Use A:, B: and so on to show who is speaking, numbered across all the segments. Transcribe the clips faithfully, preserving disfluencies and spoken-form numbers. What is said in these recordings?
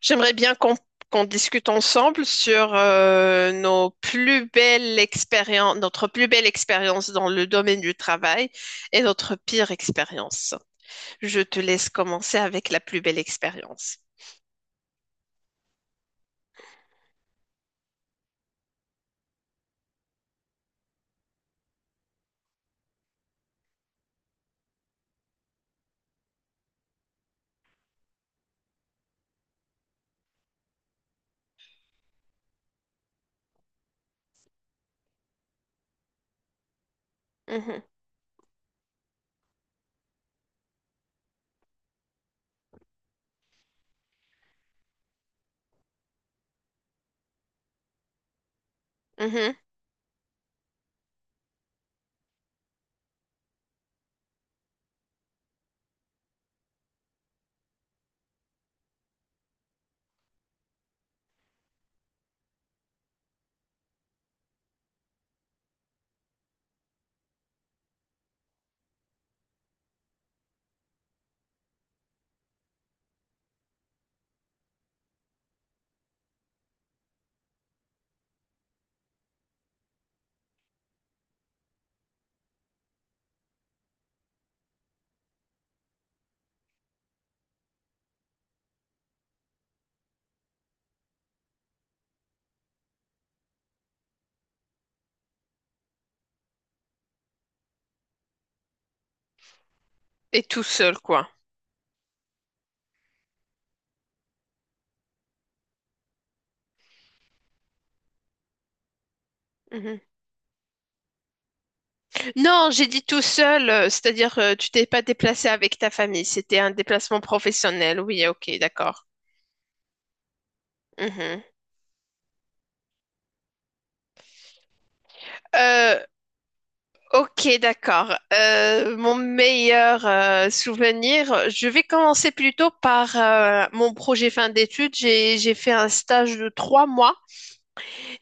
A: J'aimerais bien qu'on qu'on discute ensemble sur euh, nos plus belles expériences, notre plus belle expérience dans le domaine du travail et notre pire expérience. Je te laisse commencer avec la plus belle expérience. Mhm, mhm. Et tout seul, quoi. Mhm. Non, j'ai dit tout seul, euh, c'est-à-dire euh, tu t'es pas déplacé avec ta famille, c'était un déplacement professionnel. Oui, ok, d'accord. Mhm. Euh, Ok, d'accord. Euh, mon meilleur euh, souvenir, je vais commencer plutôt par euh, mon projet fin d'études. J'ai, j'ai fait un stage de trois mois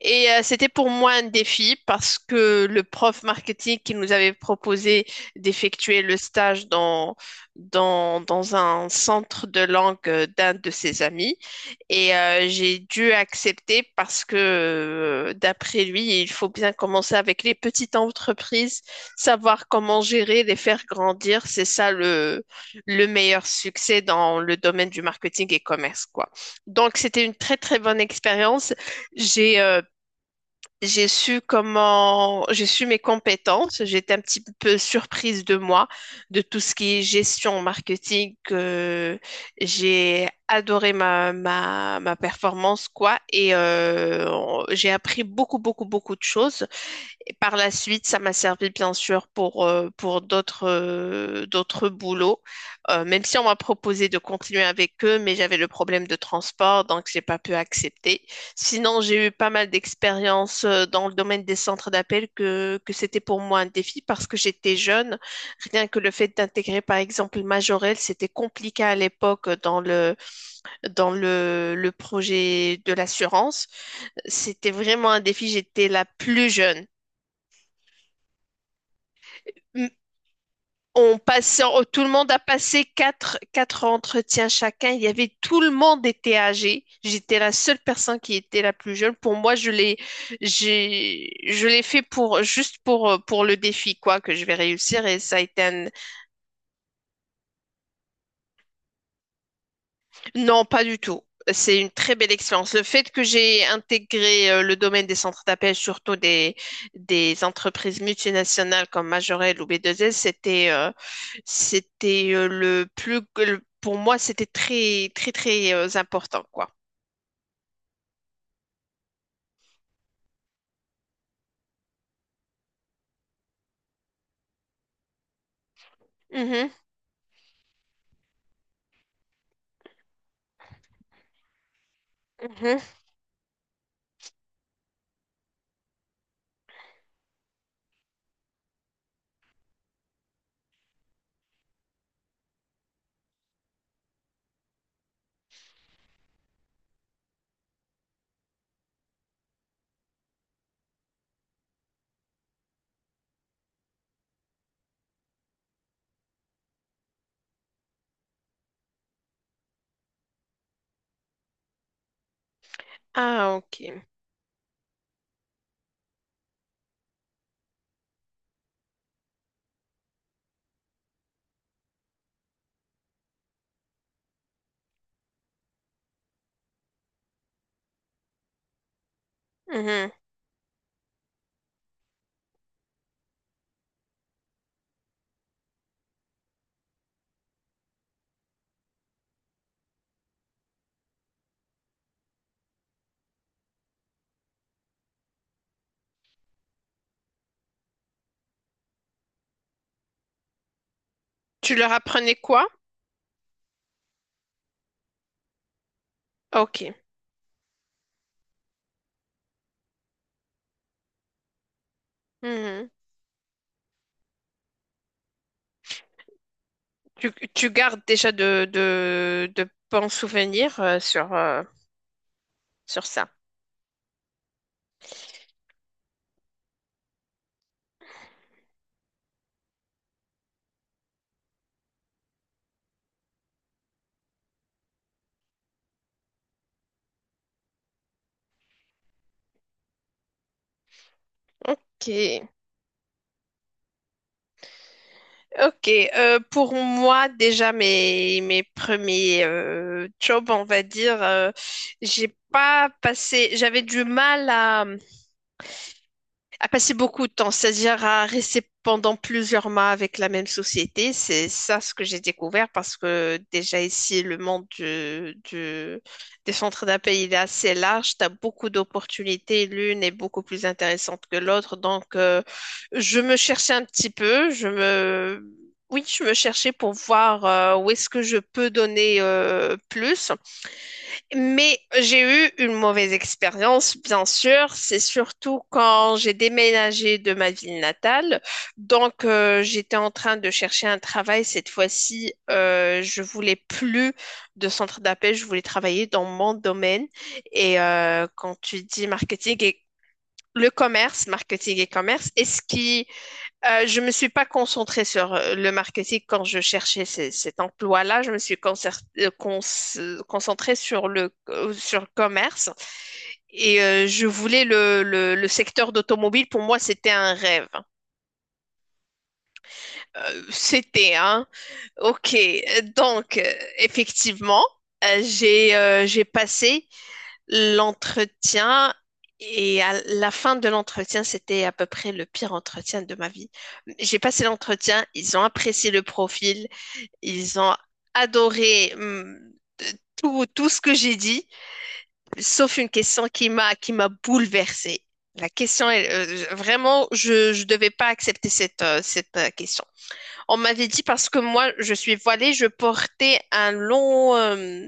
A: et euh, c'était pour moi un défi parce que le prof marketing qui nous avait proposé d'effectuer le stage dans, dans, dans un centre de langue euh, d'un de ses amis. Et euh, j'ai dû accepter parce que, euh, d'après lui, il faut bien commencer avec les petites entreprises, savoir comment gérer, les faire grandir. C'est ça le, le meilleur succès dans le domaine du marketing et commerce, quoi. Donc, c'était une très, très bonne expérience. J'ai euh, j'ai su comment, j'ai su mes compétences. J'étais un petit peu surprise de moi, de tout ce qui est gestion marketing. Euh, j'ai adoré ma, ma, ma performance, quoi. Et euh, j'ai appris beaucoup, beaucoup, beaucoup de choses. Et par la suite, ça m'a servi bien sûr pour, euh, pour d'autres euh, d'autres boulots. Euh, même si on m'a proposé de continuer avec eux, mais j'avais le problème de transport, donc j'ai pas pu accepter. Sinon, j'ai eu pas mal d'expériences euh, dans le domaine des centres d'appel que, que c'était pour moi un défi parce que j'étais jeune. Rien que le fait d'intégrer par exemple Majorel, c'était compliqué à l'époque dans le, dans le, le projet de l'assurance. C'était vraiment un défi, j'étais la plus jeune. On passait, on- tout le monde a passé quatre, quatre entretiens chacun. Il y avait tout le monde était âgé. J'étais la seule personne qui était la plus jeune. Pour moi, je l'ai, j'ai, je l'ai fait pour juste pour euh, pour le défi quoi que je vais réussir et ça a été un... Non, pas du tout. C'est une très belle expérience. Le fait que j'ai intégré euh, le domaine des centres d'appel, surtout des, des entreprises multinationales comme Majorel ou B deux S, c'était euh, c'était euh, le plus le- pour moi, c'était très très très euh, important quoi. Mhm, mhm. Ah, ok. Mhm. Tu leur apprenais quoi? Ok. Mhm. Tu, tu gardes déjà de, de, de bons souvenirs euh, sur, euh, sur ça. Ok. Ok, euh, pour moi déjà mes, mes premiers euh, jobs, on va dire, euh, j'ai pas passé, j'avais du mal à, à passer beaucoup de temps, c'est-à-dire à rester pendant plusieurs mois avec la même société. C'est ça ce que j'ai découvert parce que déjà ici, le monde du- du- des centres d'appel, il est assez large. Tu as beaucoup d'opportunités. L'une est beaucoup plus intéressante que l'autre. Donc, euh, je me cherchais un petit peu. Je me... Oui, je me cherchais pour voir euh, où est-ce que je peux donner euh, plus. Mais j'ai eu une mauvaise expérience, bien sûr. C'est surtout quand j'ai déménagé de ma ville natale. Donc, euh, j'étais en train de chercher un travail. Cette fois-ci, euh, je voulais plus de centre d'appel. Je voulais travailler dans mon domaine. Et euh, quand tu dis marketing et le commerce, marketing et commerce, est-ce qui euh, je me suis pas concentrée sur euh, le marketing quand je cherchais ce- cet emploi-là. Je me suis concer- euh, cons- concentrée sur le, euh, sur le commerce et euh, je voulais le, le, le secteur d'automobile. Pour moi, c'était un rêve. Euh, c'était, hein. Ok. Donc, euh, effectivement, euh, j'ai euh, j'ai passé l'entretien et à la fin de l'entretien, c'était à peu près le pire entretien de ma vie. J'ai passé l'entretien, ils ont apprécié le profil, ils ont adoré hum, tout, tout ce que j'ai dit, sauf une question qui m'a qui m'a bouleversée. La question est euh, vraiment, je je devais pas accepter cette euh, cette euh, question. On m'avait dit parce que moi je suis voilée, je portais un long euh,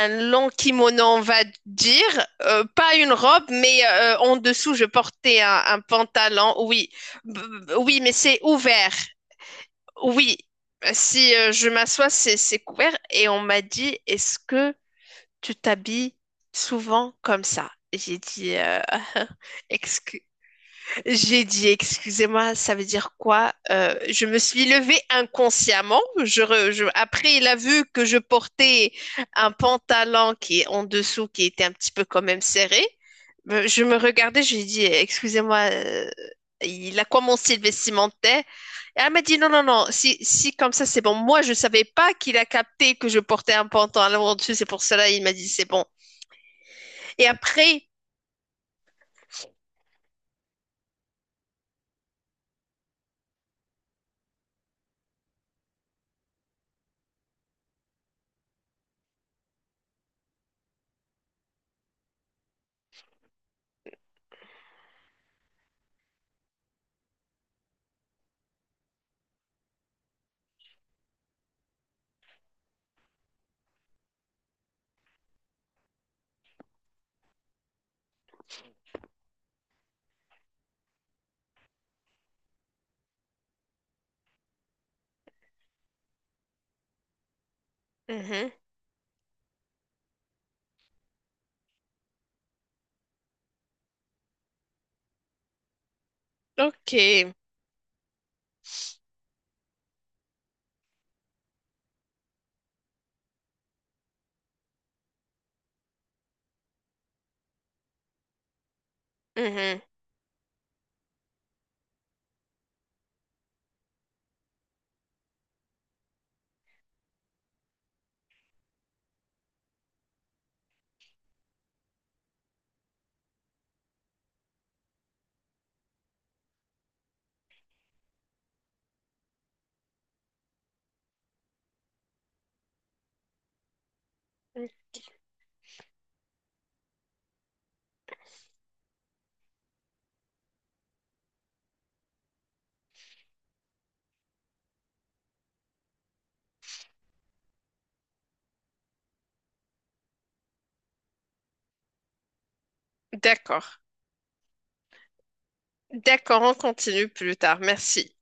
A: un long kimono, on va dire. Euh, pas une robe, mais euh, en dessous, je portais un, un pantalon, oui. B- b- oui, mais c'est ouvert, oui. Si euh, je m'assois, c'est c'est couvert. Et on m'a dit, est-ce que tu t'habilles souvent comme ça? J'ai dit, euh, excu- j'ai dit, excusez-moi, ça veut dire quoi? Euh, je me suis levée inconsciemment. Je re- je- après, il a vu que je portais un pantalon qui est en dessous, qui était un petit peu quand même serré. Euh, Je me regardais, je lui ai dit, excusez-moi, euh, il a commencé le vestimentaire. Et elle m'a dit, non, non, non, si, si comme ça, c'est bon. Moi, je savais pas qu'il a capté que je portais un pantalon en dessus, c'est pour cela, il m'a dit, c'est bon. Et après... Mhm. Ok. Mhm. D'accord. D'accord, on continue plus tard. Merci.